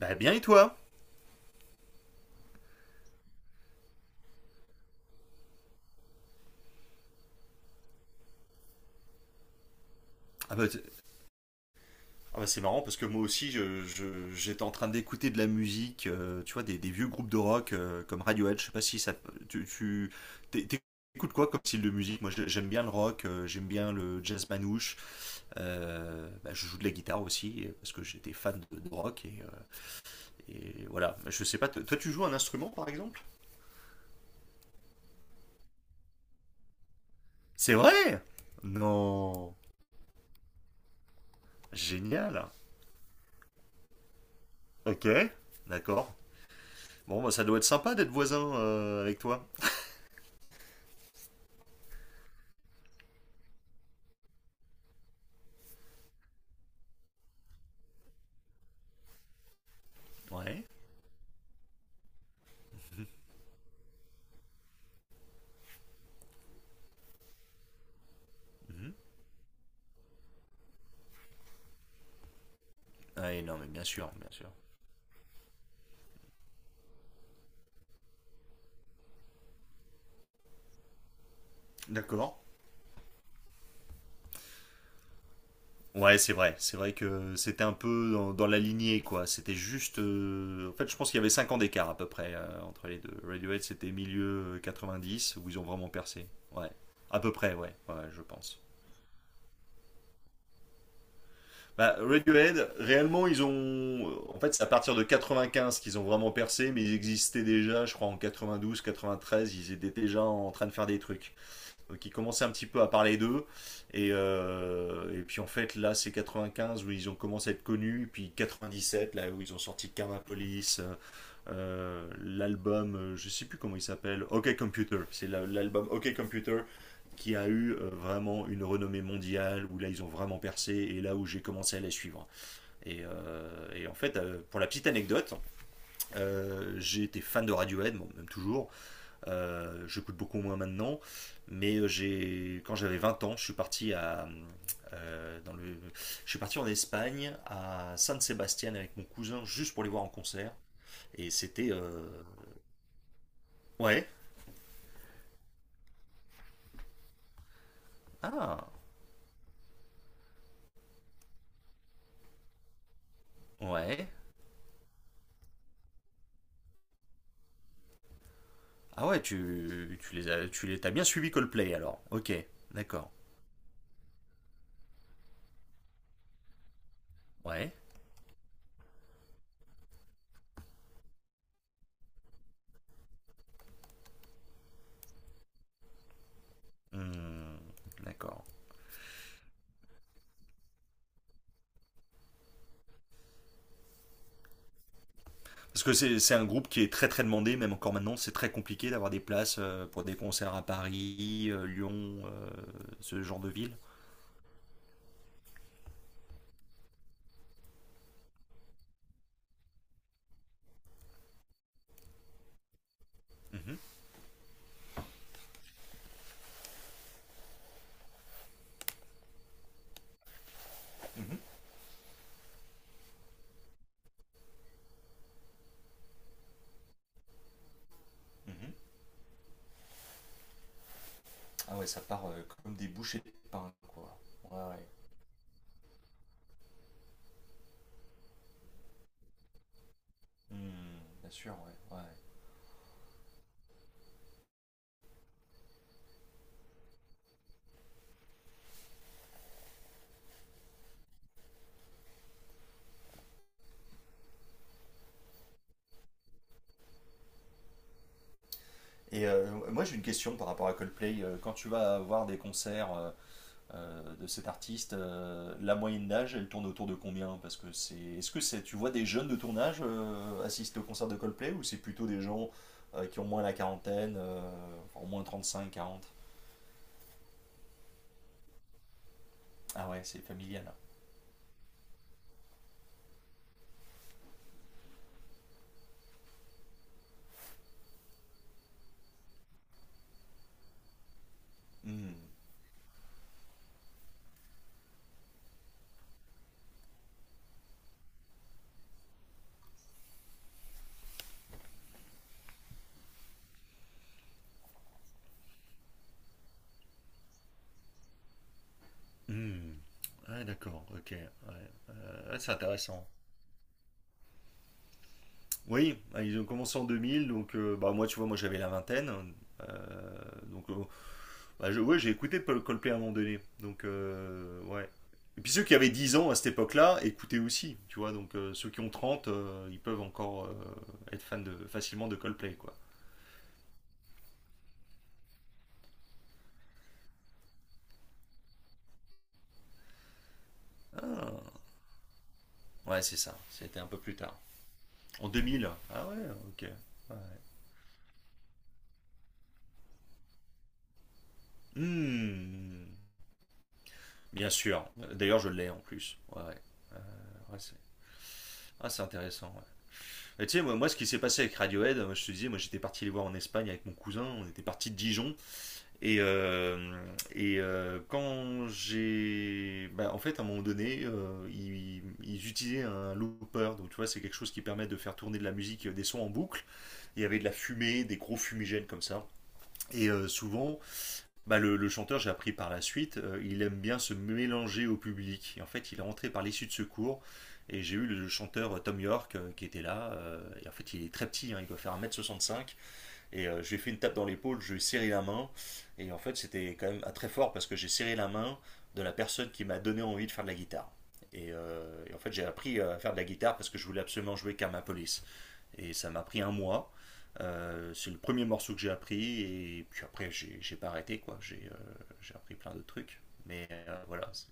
Bah bien, et toi? Ah bah, t- ah bah, c'est marrant parce que moi aussi j'étais en train d'écouter de la musique, tu vois, des vieux groupes de rock comme Radiohead. Je sais pas si tu t'é- t'écoutes quoi comme style de musique? Moi, j'aime bien le rock, j'aime bien le jazz manouche, bah, je joue de la guitare aussi parce que j'étais fan de rock et voilà. Je sais pas, toi, tu joues un instrument par exemple? C'est vrai? Non. Génial. Ok, d'accord. Bon, bah ça doit être sympa d'être voisin avec toi. Ouais. Mhm. Oui, non, mais bien sûr, bien sûr. D'accord. Ouais, c'est vrai. C'est vrai que c'était un peu dans la lignée, quoi. C'était juste. En fait, je pense qu'il y avait 5 ans d'écart à peu près entre les deux. Radiohead, c'était milieu dix où ils ont vraiment percé. Ouais. À peu près, ouais. Ouais, je pense. Bah, Radiohead, réellement, ils ont. En fait, c'est à partir de 95 qu'ils ont vraiment percé, mais ils existaient déjà, je crois, en 92, 93. Ils étaient déjà en train de faire des trucs, qui commençaient un petit peu à parler d'eux. Et puis en fait, là, c'est 95 où ils ont commencé à être connus, puis 97, là où ils ont sorti Karma Police, l'album, je sais plus comment il s'appelle, OK Computer. C'est l'album OK Computer qui a eu vraiment une renommée mondiale, où là, ils ont vraiment percé, et là où j'ai commencé à les suivre. Et en fait, pour la petite anecdote, j'ai été fan de Radiohead, bon, même toujours. Je coûte beaucoup moins maintenant, mais j'ai quand j'avais 20 ans, je suis parti à euh, dans le, je suis parti en Espagne à San Sebastian avec mon cousin juste pour les voir en concert, et c'était ouais. Ah ouais, ouais tu tu les as tu les t'as bien suivi Coldplay, alors, ok, d'accord, ouais. Hmm, d'accord, parce que c'est un groupe qui est très très demandé. Même encore maintenant, c'est très compliqué d'avoir des places pour des concerts à Paris, Lyon, ce genre de ville. Mhm, mhm, mhm. Ah ouais, ça part comme des bouchées de pain, quoi. Ouais, ouais. Hmm, bien sûr, ouais, ouais. Et moi j'ai une question par rapport à Coldplay. Quand tu vas voir des concerts de cet artiste, la moyenne d'âge, elle tourne autour de combien? Est-ce que c'est, tu vois des jeunes de ton âge assister au concert de Coldplay, ou c'est plutôt des gens qui ont moins la quarantaine, enfin, au moins 35, 40? Ah ouais, c'est familial. Hmm. Hmm. Ouais, d'accord, ok. Ouais. Ouais, c'est intéressant. Oui, bah, ils ont commencé en 2000, donc bah, moi, tu vois, moi j'avais la vingtaine, hein. Euh, donc, euh, bah, ouais, j'ai écouté Paul Coldplay à un moment donné. Donc, ouais. Et puis ceux qui avaient 10 ans à cette époque-là écoutaient aussi, tu vois. Donc, ceux qui ont 30 , ils peuvent encore être fans facilement de Coldplay, quoi. Ah, ouais, c'est ça. C'était un peu plus tard. En 2000. Ah ouais, ok. Ouais. Hmm, bien sûr. D'ailleurs, je l'ai en plus. Ouais, ouais, ouais, c'est. Ah, c'est intéressant, ouais. Et tu sais, moi, moi, ce qui s'est passé avec Radiohead, moi, je te disais, moi, j'étais parti les voir en Espagne avec mon cousin, on était parti de Dijon. Et, euh, et quand j'ai. Bah, en fait, à un moment donné, ils utilisaient un looper. Donc, tu vois, c'est quelque chose qui permet de faire tourner de la musique, des sons en boucle. Il y avait de la fumée, des gros fumigènes comme ça. Et souvent, bah, le chanteur, j'ai appris par la suite, il aime bien se mélanger au public. Et en fait, il est rentré par l'issue de secours. Et j'ai eu le chanteur Tom York, qui était là. Et en fait, il est très petit, hein, il doit faire 1,65 m. Et je lui ai fait une tape dans l'épaule, je lui ai serré la main. Et en fait, c'était quand même très fort parce que j'ai serré la main de la personne qui m'a donné envie de faire de la guitare. Et en fait, j'ai appris à faire de la guitare parce que je voulais absolument jouer Karma Police. Et ça m'a pris un mois. C'est le premier morceau que j'ai appris, et puis après j'ai pas arrêté, quoi. J'ai appris plein de trucs. Mais voilà.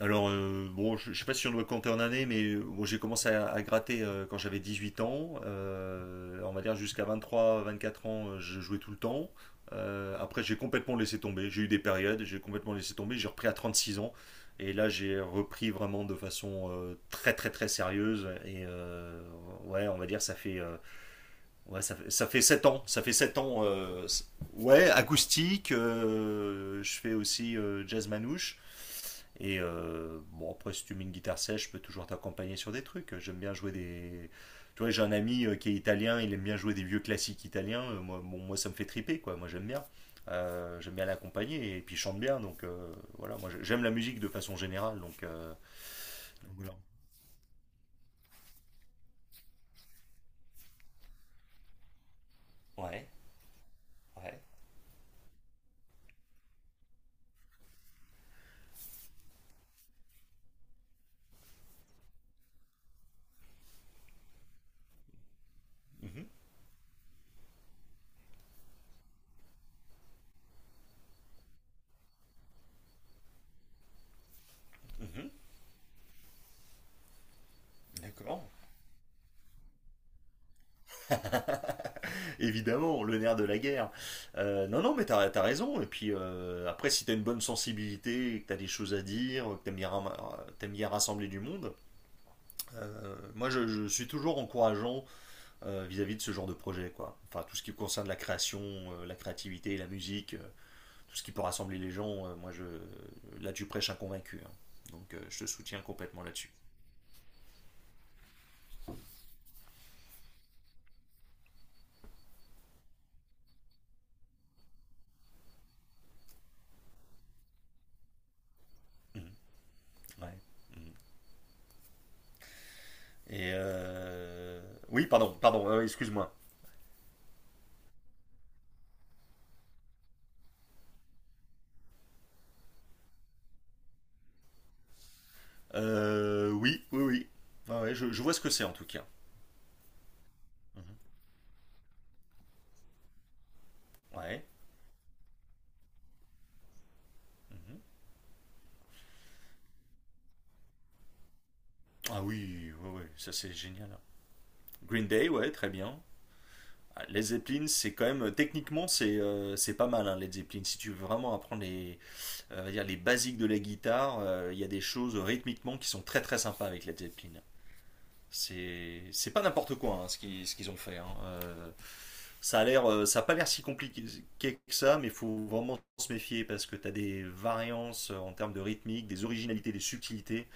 Alors bon, je sais pas si on doit compter en années, mais bon, j'ai commencé à gratter quand j'avais 18 ans. On va dire jusqu'à 23-24 ans, je jouais tout le temps. Après j'ai complètement laissé tomber. J'ai eu des périodes, j'ai complètement laissé tomber. J'ai repris à 36 ans. Et là, j'ai repris vraiment de façon très très très sérieuse. Et ouais, on va dire, ça fait ouais, ça fait 7 ans. Ça fait 7 ans. Ouais, acoustique. Je fais aussi jazz manouche. Et bon, après, si tu mets une guitare sèche, je peux toujours t'accompagner sur des trucs. J'aime bien jouer des. Tu vois, j'ai un ami qui est italien, il aime bien jouer des vieux classiques italiens. Moi, bon, moi, ça me fait triper, quoi. Moi, j'aime bien. J'aime bien l'accompagner, et puis il chante bien. Donc voilà, moi, j'aime la musique de façon générale. Donc, donc voilà. Ouais, ouais. Mhm, mhm. D'accord. Évidemment, le nerf de la guerre. Non, non, mais t'as as raison. Et puis après, si t'as une bonne sensibilité, que t'as des choses à dire, que t'aimes bien rassembler du monde, moi je suis toujours encourageant vis-à-vis de ce genre de projet, quoi. Enfin, tout ce qui concerne la création, la créativité, la musique, tout ce qui peut rassembler les gens, moi je. Là, tu prêches un convaincu, hein. Donc je te soutiens complètement là-dessus. Mhm. Ouais. Mhm. Et oui, pardon, pardon, excuse-moi. Oui, oui, oui. Ouais, ouais, je vois ce que c'est en tout cas. Mhm. Ouais. Mhm. Ah oui, ouais, ouais, ça c'est génial. Green Day, ouais, très bien. Ah, Led Zeppelin, c'est quand même techniquement c'est pas mal, hein, Led Zeppelin. Si tu veux vraiment apprendre les on va dire les basiques de la guitare, il y a des choses rythmiquement qui sont très très sympas avec Led Zeppelin. C'est pas n'importe quoi, hein, ce qu'ils ont fait, hein. Ça a pas l'air si compliqué que ça, mais il faut vraiment se méfier parce que tu as des variances en termes de rythmique, des originalités, des subtilités.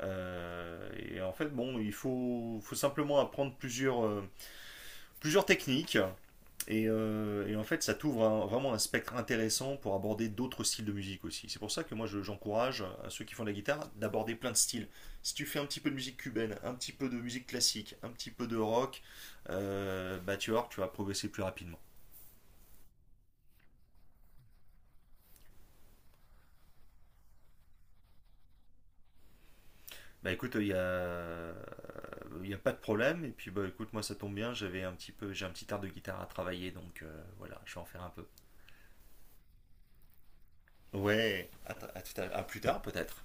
Et en fait, bon, faut simplement apprendre plusieurs techniques et en fait, ça t'ouvre vraiment un spectre intéressant pour aborder d'autres styles de musique aussi. C'est pour ça que moi, j'encourage à ceux qui font de la guitare d'aborder plein de styles. Si tu fais un petit peu de musique cubaine, un petit peu de musique classique, un petit peu de rock, bah tu vas voir que tu vas progresser plus rapidement. Bah écoute, il y a pas de problème. Et puis bah écoute, moi ça tombe bien, j'ai un petit art de guitare à travailler, donc voilà, je vais en faire un peu. Ouais, à, t- à tout à plus tard peut-être.